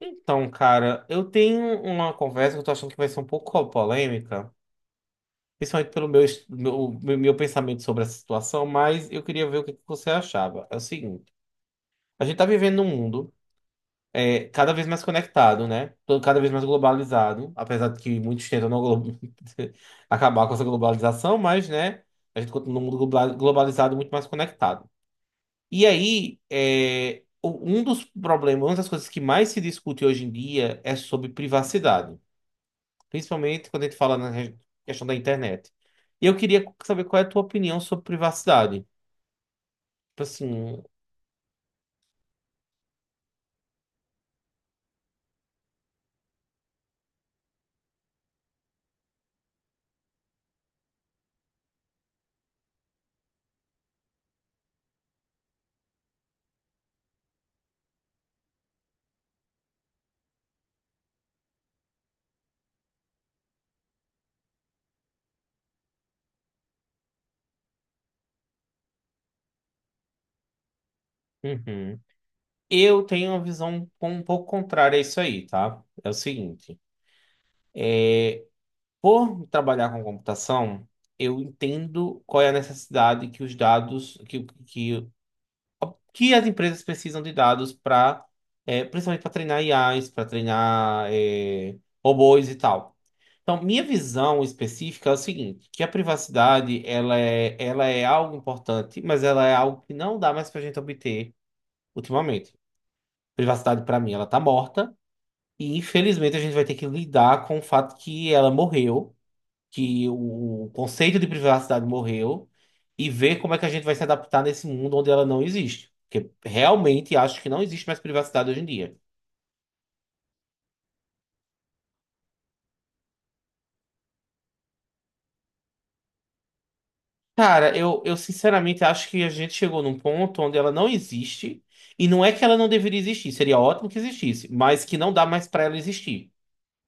Então, cara, eu tenho uma conversa que eu tô achando que vai ser um pouco polêmica, principalmente pelo meu, est- meu, meu meu pensamento sobre essa situação, mas eu queria ver o que que você achava. É o seguinte, a gente tá vivendo num mundo cada vez mais conectado, né? Cada vez mais globalizado, apesar de que muitos tentam não glo- acabar com essa globalização, mas, né, a gente continua num mundo globalizado muito mais conectado. E aí, é, um dos problemas, uma das coisas que mais se discute hoje em dia é sobre privacidade. Principalmente quando a gente fala na questão da internet. E eu queria saber qual é a tua opinião sobre privacidade. Tipo assim, uhum. Eu tenho uma visão um pouco contrária a isso aí, tá? É o seguinte, é, por trabalhar com computação, eu entendo qual é a necessidade que os dados, que as empresas precisam de dados para, principalmente para treinar IAs, para treinar, robôs e tal. Então, minha visão específica é o seguinte, que a privacidade, ela é algo importante, mas ela é algo que não dá mais pra gente obter ultimamente. Privacidade, pra mim, ela tá morta, e infelizmente a gente vai ter que lidar com o fato que ela morreu, que o conceito de privacidade morreu, e ver como é que a gente vai se adaptar nesse mundo onde ela não existe. Porque realmente acho que não existe mais privacidade hoje em dia. Cara, eu sinceramente acho que a gente chegou num ponto onde ela não existe. E não é que ela não deveria existir, seria ótimo que existisse, mas que não dá mais pra ela existir.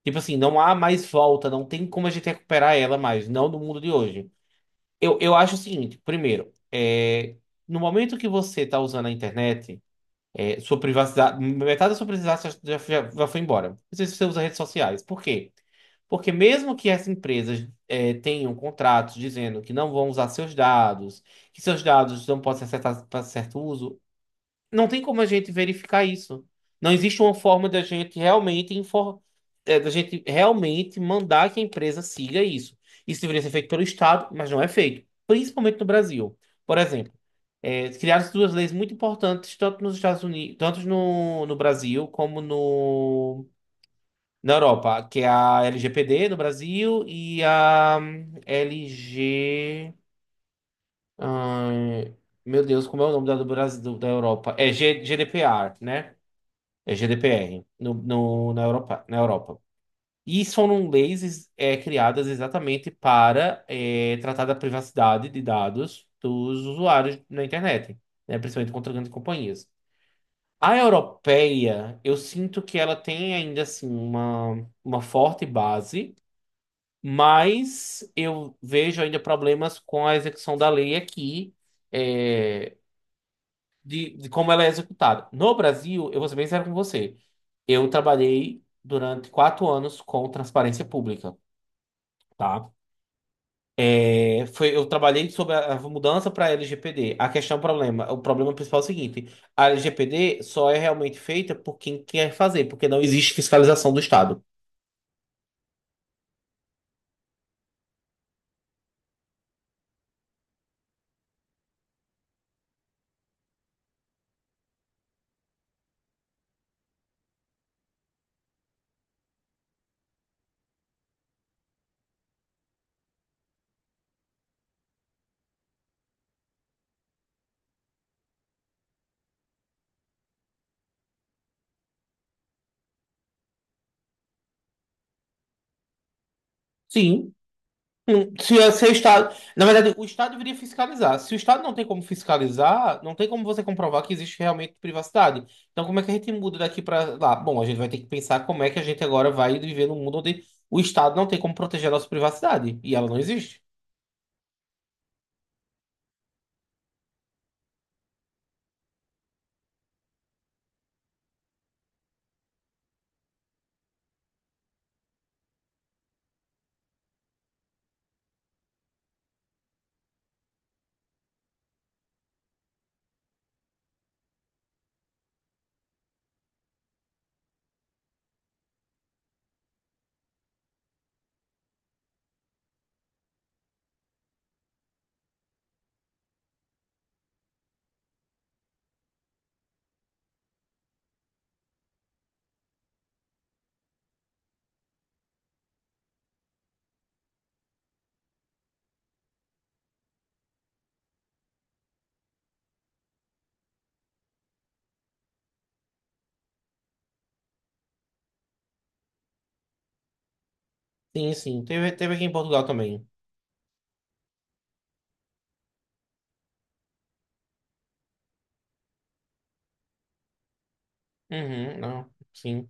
Tipo assim, não há mais volta, não tem como a gente recuperar ela mais, não no mundo de hoje. Eu acho o seguinte: primeiro, no momento que você tá usando a internet, sua privacidade, metade da sua privacidade já foi embora. Não sei se você usa redes sociais. Por quê? Porque mesmo que essas empresas tenham contratos dizendo que não vão usar seus dados, que seus dados não podem ser acessados para certo uso, não tem como a gente verificar isso. Não existe uma forma da gente da gente realmente mandar que a empresa siga isso. Isso deveria ser feito pelo Estado, mas não é feito, principalmente no Brasil. Por exemplo, criaram-se duas leis muito importantes, tanto nos Estados Unidos, tanto no Brasil como no na Europa, que é a LGPD no Brasil e a LG. Ai, meu Deus, como é o nome do Brasil, da Europa? É GDPR, né? É GDPR na Europa, na Europa. E são leis criadas exatamente para tratar da privacidade de dados dos usuários na internet, né? Principalmente contra grandes companhias. A europeia, eu sinto que ela tem ainda assim uma forte base. Mas eu vejo ainda problemas com a execução da lei aqui, é, de como ela é executada. No Brasil, eu vou ser bem sério com você, eu trabalhei durante quatro anos com transparência pública, tá? Eu trabalhei sobre a mudança para a LGPD. A questão, o problema principal é o seguinte: a LGPD só é realmente feita por quem quer fazer, porque não existe fiscalização do Estado. Sim, se é o Estado. Na verdade, o Estado deveria fiscalizar. Se o Estado não tem como fiscalizar, não tem como você comprovar que existe realmente privacidade. Então, como é que a gente muda daqui para lá? Bom, a gente vai ter que pensar como é que a gente agora vai viver num mundo onde o Estado não tem como proteger a nossa privacidade. E ela não existe. Sim, sim. Teve, teve aqui em Portugal também. Uhum, não. Sim.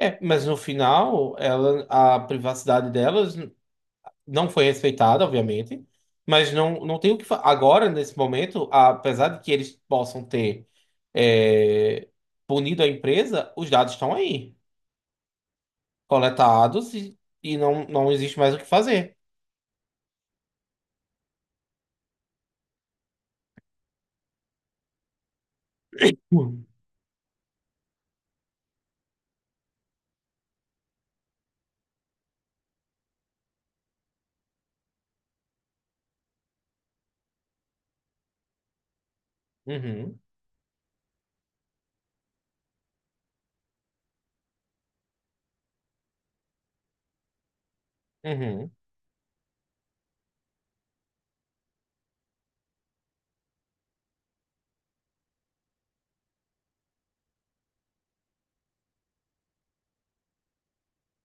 É, mas no final, ela, a privacidade delas não foi respeitada, obviamente, mas não, não tem o que fa... Agora, nesse momento, apesar de que eles possam ter é, punido a empresa, os dados estão aí, coletados, e não, não existe mais o que fazer. Uhum. Uhum, uhum,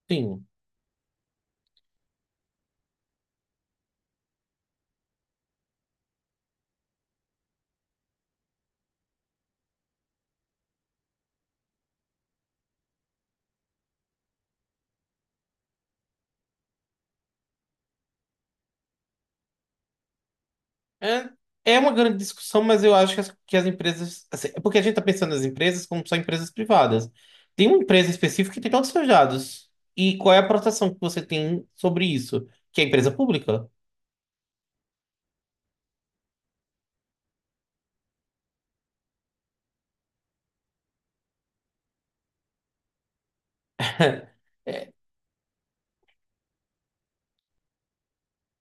sim. É, é uma grande discussão, mas eu acho que que as empresas, assim, é porque a gente está pensando nas empresas como só empresas privadas. Tem uma empresa específica que tem todos os seus dados. E qual é a proteção que você tem sobre isso? Que é a empresa pública.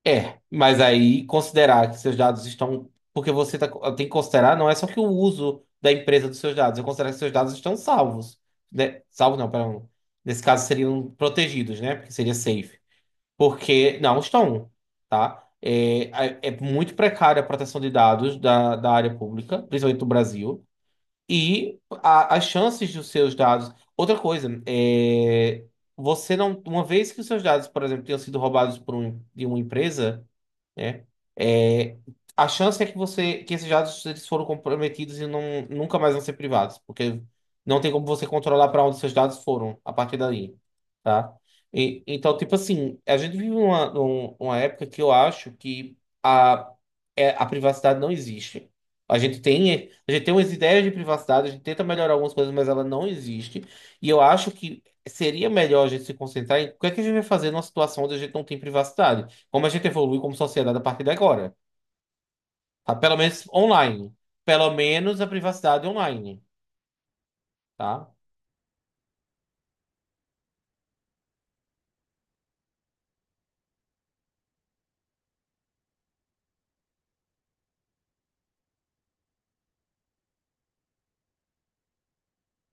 É, mas aí considerar que seus dados estão. Porque tem que considerar, não é só que o uso da empresa dos seus dados, eu considero que seus dados estão salvos. Né? Salvos não, perdão. Nesse caso seriam protegidos, né? Porque seria safe. Porque não estão, tá? É, é muito precária a proteção de dados da área pública, principalmente do Brasil. E as chances dos seus dados. Outra coisa, você não. Uma vez que os seus dados, por exemplo, tenham sido roubados de uma empresa, né? É, a chance é que esses dados eles foram comprometidos e não, nunca mais vão ser privados, porque não tem como você controlar para onde seus dados foram a partir daí, tá? Então, tipo assim, a gente vive uma época que eu acho que a, a privacidade não existe. A gente tem umas ideias de privacidade, a gente tenta melhorar algumas coisas, mas ela não existe. E eu acho que seria melhor a gente se concentrar em o que é que a gente vai fazer numa situação onde a gente não tem privacidade. Como a gente evolui como sociedade a partir de agora, tá? Pelo menos online. Pelo menos a privacidade online, tá?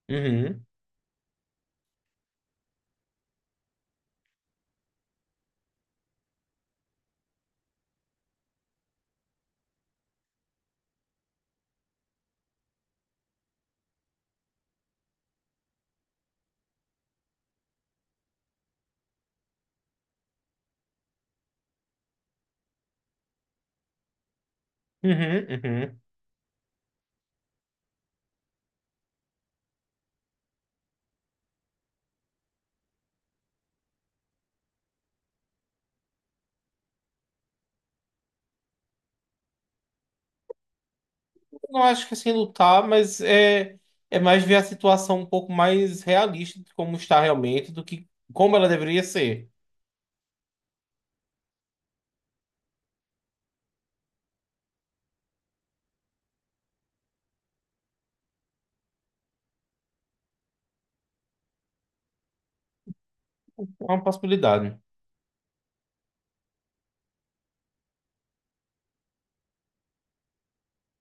Uhum, uhum, uhum. Não acho que assim lutar, mas é, é mais ver a situação um pouco mais realista de como está realmente do que como ela deveria ser. É uma possibilidade.